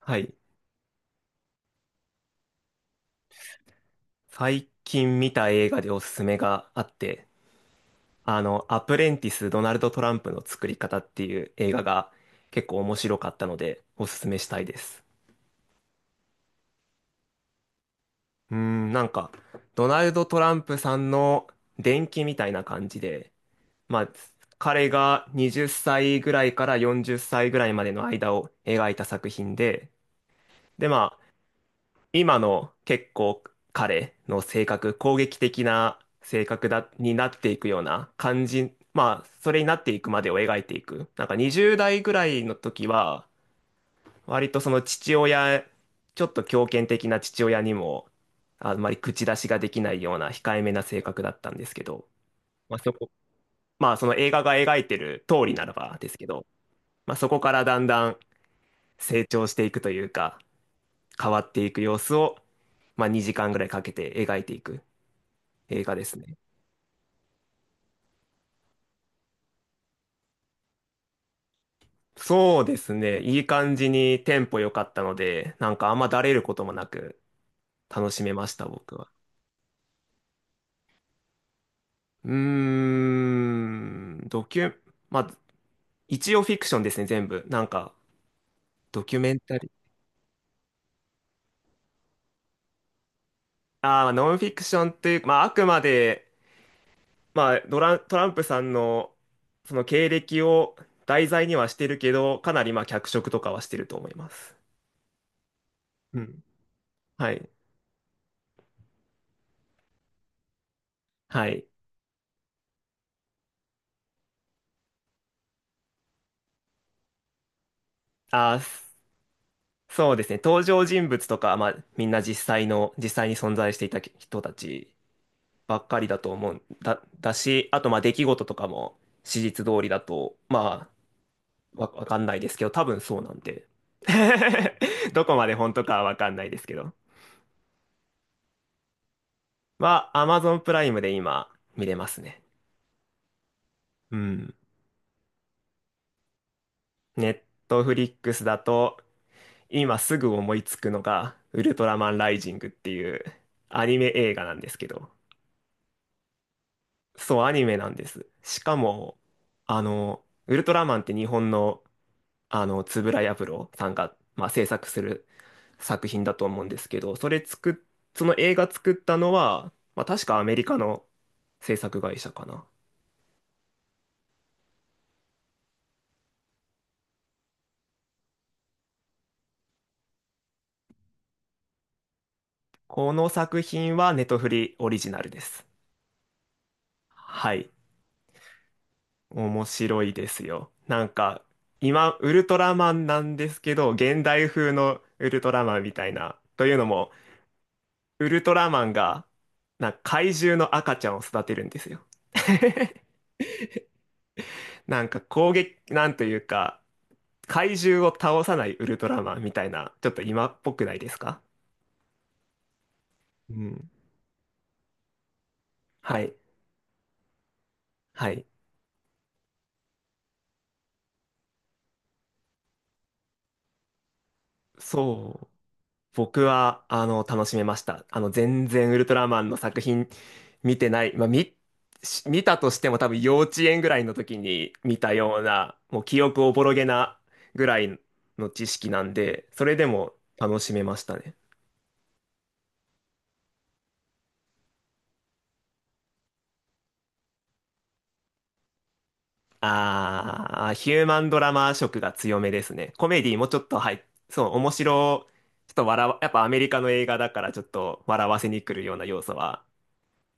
はい。最近見た映画でおすすめがあって、アプレンティス・ドナルド・トランプの作り方っていう映画が結構面白かったのでおすすめしたいです。なんか、ドナルド・トランプさんの伝記みたいな感じで、まあ、彼が20歳ぐらいから40歳ぐらいまでの間を描いた作品で、で、今の結構彼の性格、攻撃的な性格になっていくような感じ、まあ、それになっていくまでを描いていく。なんか20代ぐらいの時は、割とその父親、ちょっと強権的な父親にも、あんまり口出しができないような控えめな性格だったんですけど、まあそこ、まあその映画が描いてる通りならばですけど、まあそこからだんだん成長していくというか、変わっていく様子を、まあ、2時間ぐらいかけて描いていく映画ですね。そうですね。いい感じにテンポ良かったので、なんかあんまだれることもなく楽しめました、僕は。うーん、ドキュ、まあ、一応フィクションですね、全部。なんか、ドキュメンタリー。ああ、ノンフィクションというか、まあ、あくまで、まあ、ドラン、トランプさんの、その経歴を題材にはしてるけど、かなりまあ脚色とかはしてると思います。うん。はい。はい。あ、すそうですね。登場人物とか、まあ、みんな実際に存在していた人たちばっかりだと思うんだ、だし、あと、まあ、出来事とかも史実通りだと、まあ、わかんないですけど、多分そうなんで。どこまで本当かはわかんないですけど。まあ、Amazon プライムで今、見れますね。うん。ネットフリックスだと、今すぐ思いつくのが、ウルトラマンライジングっていうアニメ映画なんですけど。そう、アニメなんです。しかも、ウルトラマンって日本の、円谷プロさんが、まあ、制作する作品だと思うんですけど、その映画作ったのは、まあ、確かアメリカの制作会社かな。この作品はネトフリオリジナルです。はい。面白いですよ。なんか、今、ウルトラマンなんですけど、現代風のウルトラマンみたいな。というのも、ウルトラマンが、なんか怪獣の赤ちゃんを育てるんですよ。なんか攻撃、なんというか、怪獣を倒さないウルトラマンみたいな、ちょっと今っぽくないですか？うん。はい。はい。そう。僕は、楽しめました。全然ウルトラマンの作品見てない。し見たとしても多分幼稚園ぐらいの時に見たような、もう記憶おぼろげなぐらいの知識なんで、それでも楽しめましたね。あー、ヒューマンドラマ色が強めですね。コメディもちょっと入っ、そう、ちょっと笑わ、やっぱアメリカの映画だからちょっと笑わせに来るような要素は、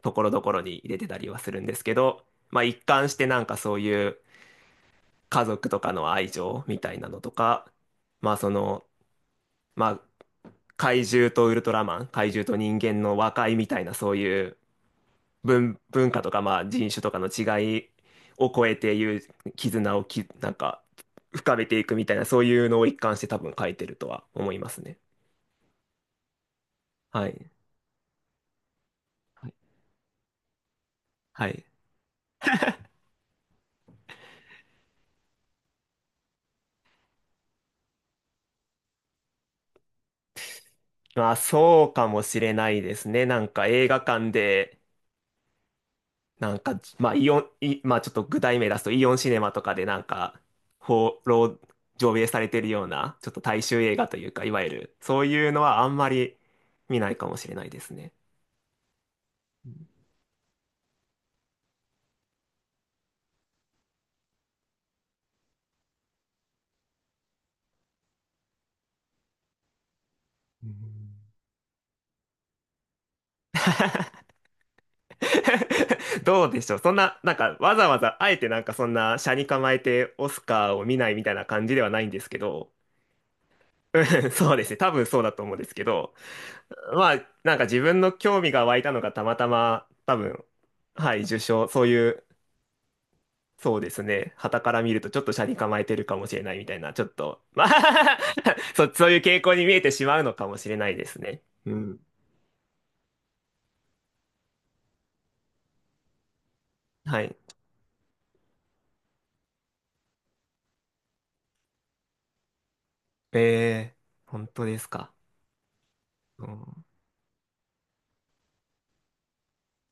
ところどころに入れてたりはするんですけど、まあ一貫してなんかそういう家族とかの愛情みたいなのとか、まあその、まあ怪獣とウルトラマン、怪獣と人間の和解みたいなそういう文化とか、まあ、人種とかの違いを超えていう絆をき、なんか、深めていくみたいな、そういうのを一貫して多分書いてるとは思いますね。はい。はい。はい。まあ、そうかもしれないですね。なんか映画館で、なんか、まあ、イオン、イまあ、ちょっと具体名出すと、イオンシネマとかでなんか、放浪、上映されてるような、ちょっと大衆映画というか、いわゆる、そういうのはあんまり見ないかもしれないですね。どうでしょう。そんな、なんか、わざわざ、あえてなんかそんな、斜に構えてオスカーを見ないみたいな感じではないんですけど、うん、そうですね。多分そうだと思うんですけど、まあ、なんか自分の興味が湧いたのがたまたま、多分、はい、受賞、そういう、そうですね。傍から見るとちょっと斜に構えてるかもしれないみたいな、ちょっと、まあ そういう傾向に見えてしまうのかもしれないですね。うん。はい。え本当ですか。うん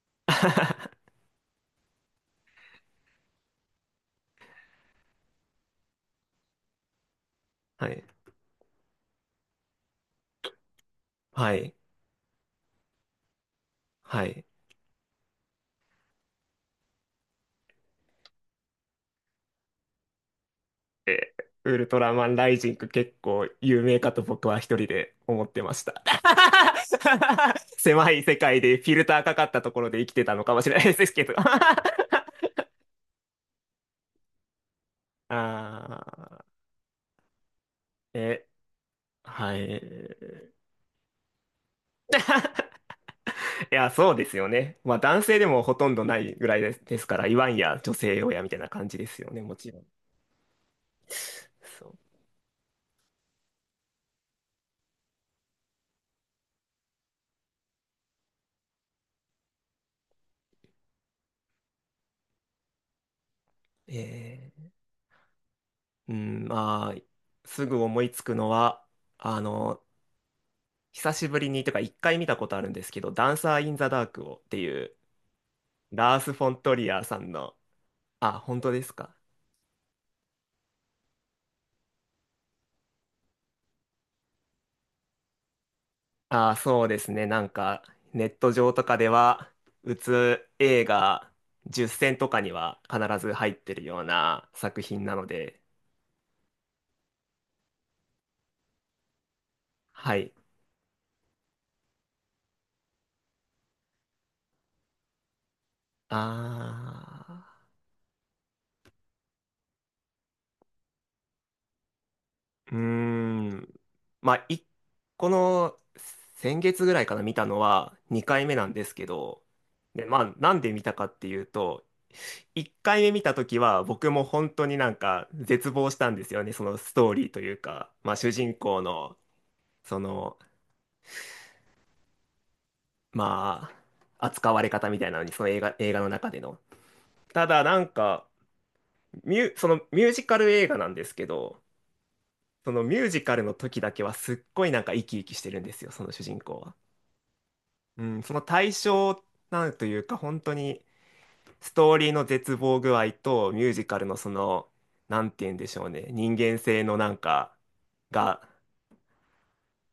はい。はい。はい。ウルトラマンライジング結構有名かと僕は一人で思ってました。狭い世界でフィルターかかったところで生きてたのかもしれないですけど あー、え、はい。いや、そうですよね。まあ男性でもほとんどないぐらいですから、言わんや女性用やみたいな感じですよね、もちろん。そう。えー、うん、まあ、すぐ思いつくのは、あの、久しぶりに、とか一回見たことあるんですけど、ダンサー・イン・ザ・ダークをっていう、ラース・フォントリアーさんの、あ、本当ですか。あ、そうですね。なんか、ネット上とかでは、うつ映画10選とかには必ず入ってるような作品なので、はい。あー。うーん。まあ、この先月ぐらいかな、見たのは2回目なんですけど、で、まあ、なんで見たかっていうと、1回目見た時は僕も本当になんか絶望したんですよね、そのストーリーというか、まあ、主人公の、その、まあ、扱われ方みたいなのに、その映画の中での。ただ、なんか、そのミュージカル映画なんですけど、そのミュージカルの時だけはすっごいなんか生き生きしてるんですよ、その主人公は。うん、その対象、なんというか、本当にストーリーの絶望具合とミュージカルのその、なんて言うんでしょうね、人間性のなんかが、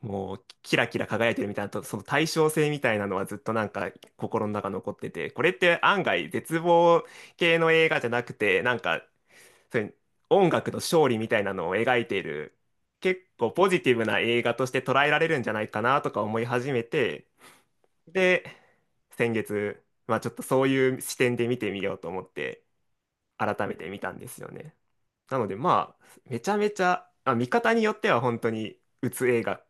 もうキラキラ輝いてるみたいなと、その対称性みたいなのはずっとなんか心の中残ってて、これって案外絶望系の映画じゃなくて、なんか、そういう音楽の勝利みたいなのを描いている、結構ポジティブな映画として捉えられるんじゃないかなとか思い始めて、で、先月、まあちょっとそういう視点で見てみようと思って、改めて見たんですよね。なので、まあ、めちゃめちゃ、まあ、見方によっては本当に、うつ映画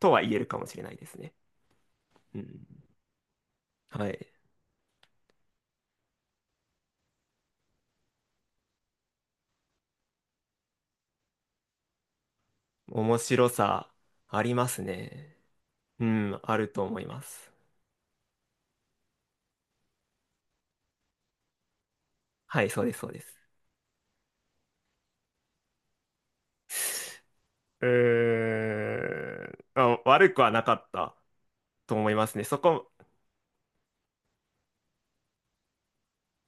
とは言えるかもしれないですね。うん。はい。面白さ、ありますね。うん、あると思います。はい、そうです、そうです。うーん、あ、悪くはなかったと思いますね。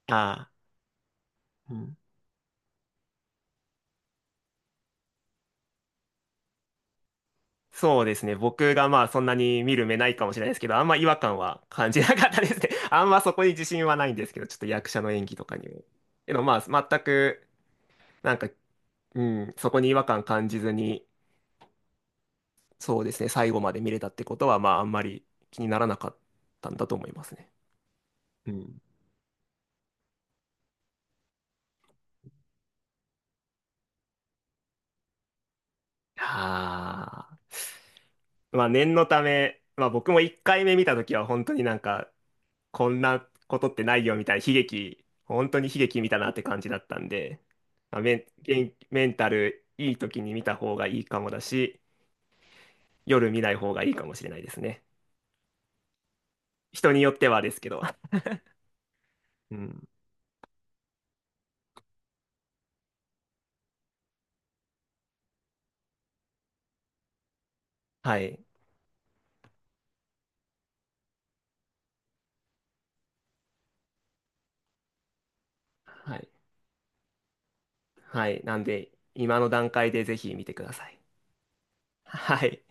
ああ、うん、そうですね。僕がまあそんなに見る目ないかもしれないですけど、あんま違和感は感じなかったですね。あんまそこに自信はないんですけど、ちょっと役者の演技とかにも。けどまあ全く、なんか、うん、そこに違和感感じずに、そうですね、最後まで見れたってことは、まああんまり気にならなかったんだと思いますね。うん。はあ。まあ念のため、まあ僕も1回目見たときは本当になんか、こんなことってないよみたいな悲劇、本当に悲劇見たなって感じだったんで、まあ、メンタルいい時に見た方がいいかもだし、夜見ない方がいいかもしれないですね。人によってはですけど。うん。はい。はい。はい。なんで、今の段階でぜひ見てください。はい。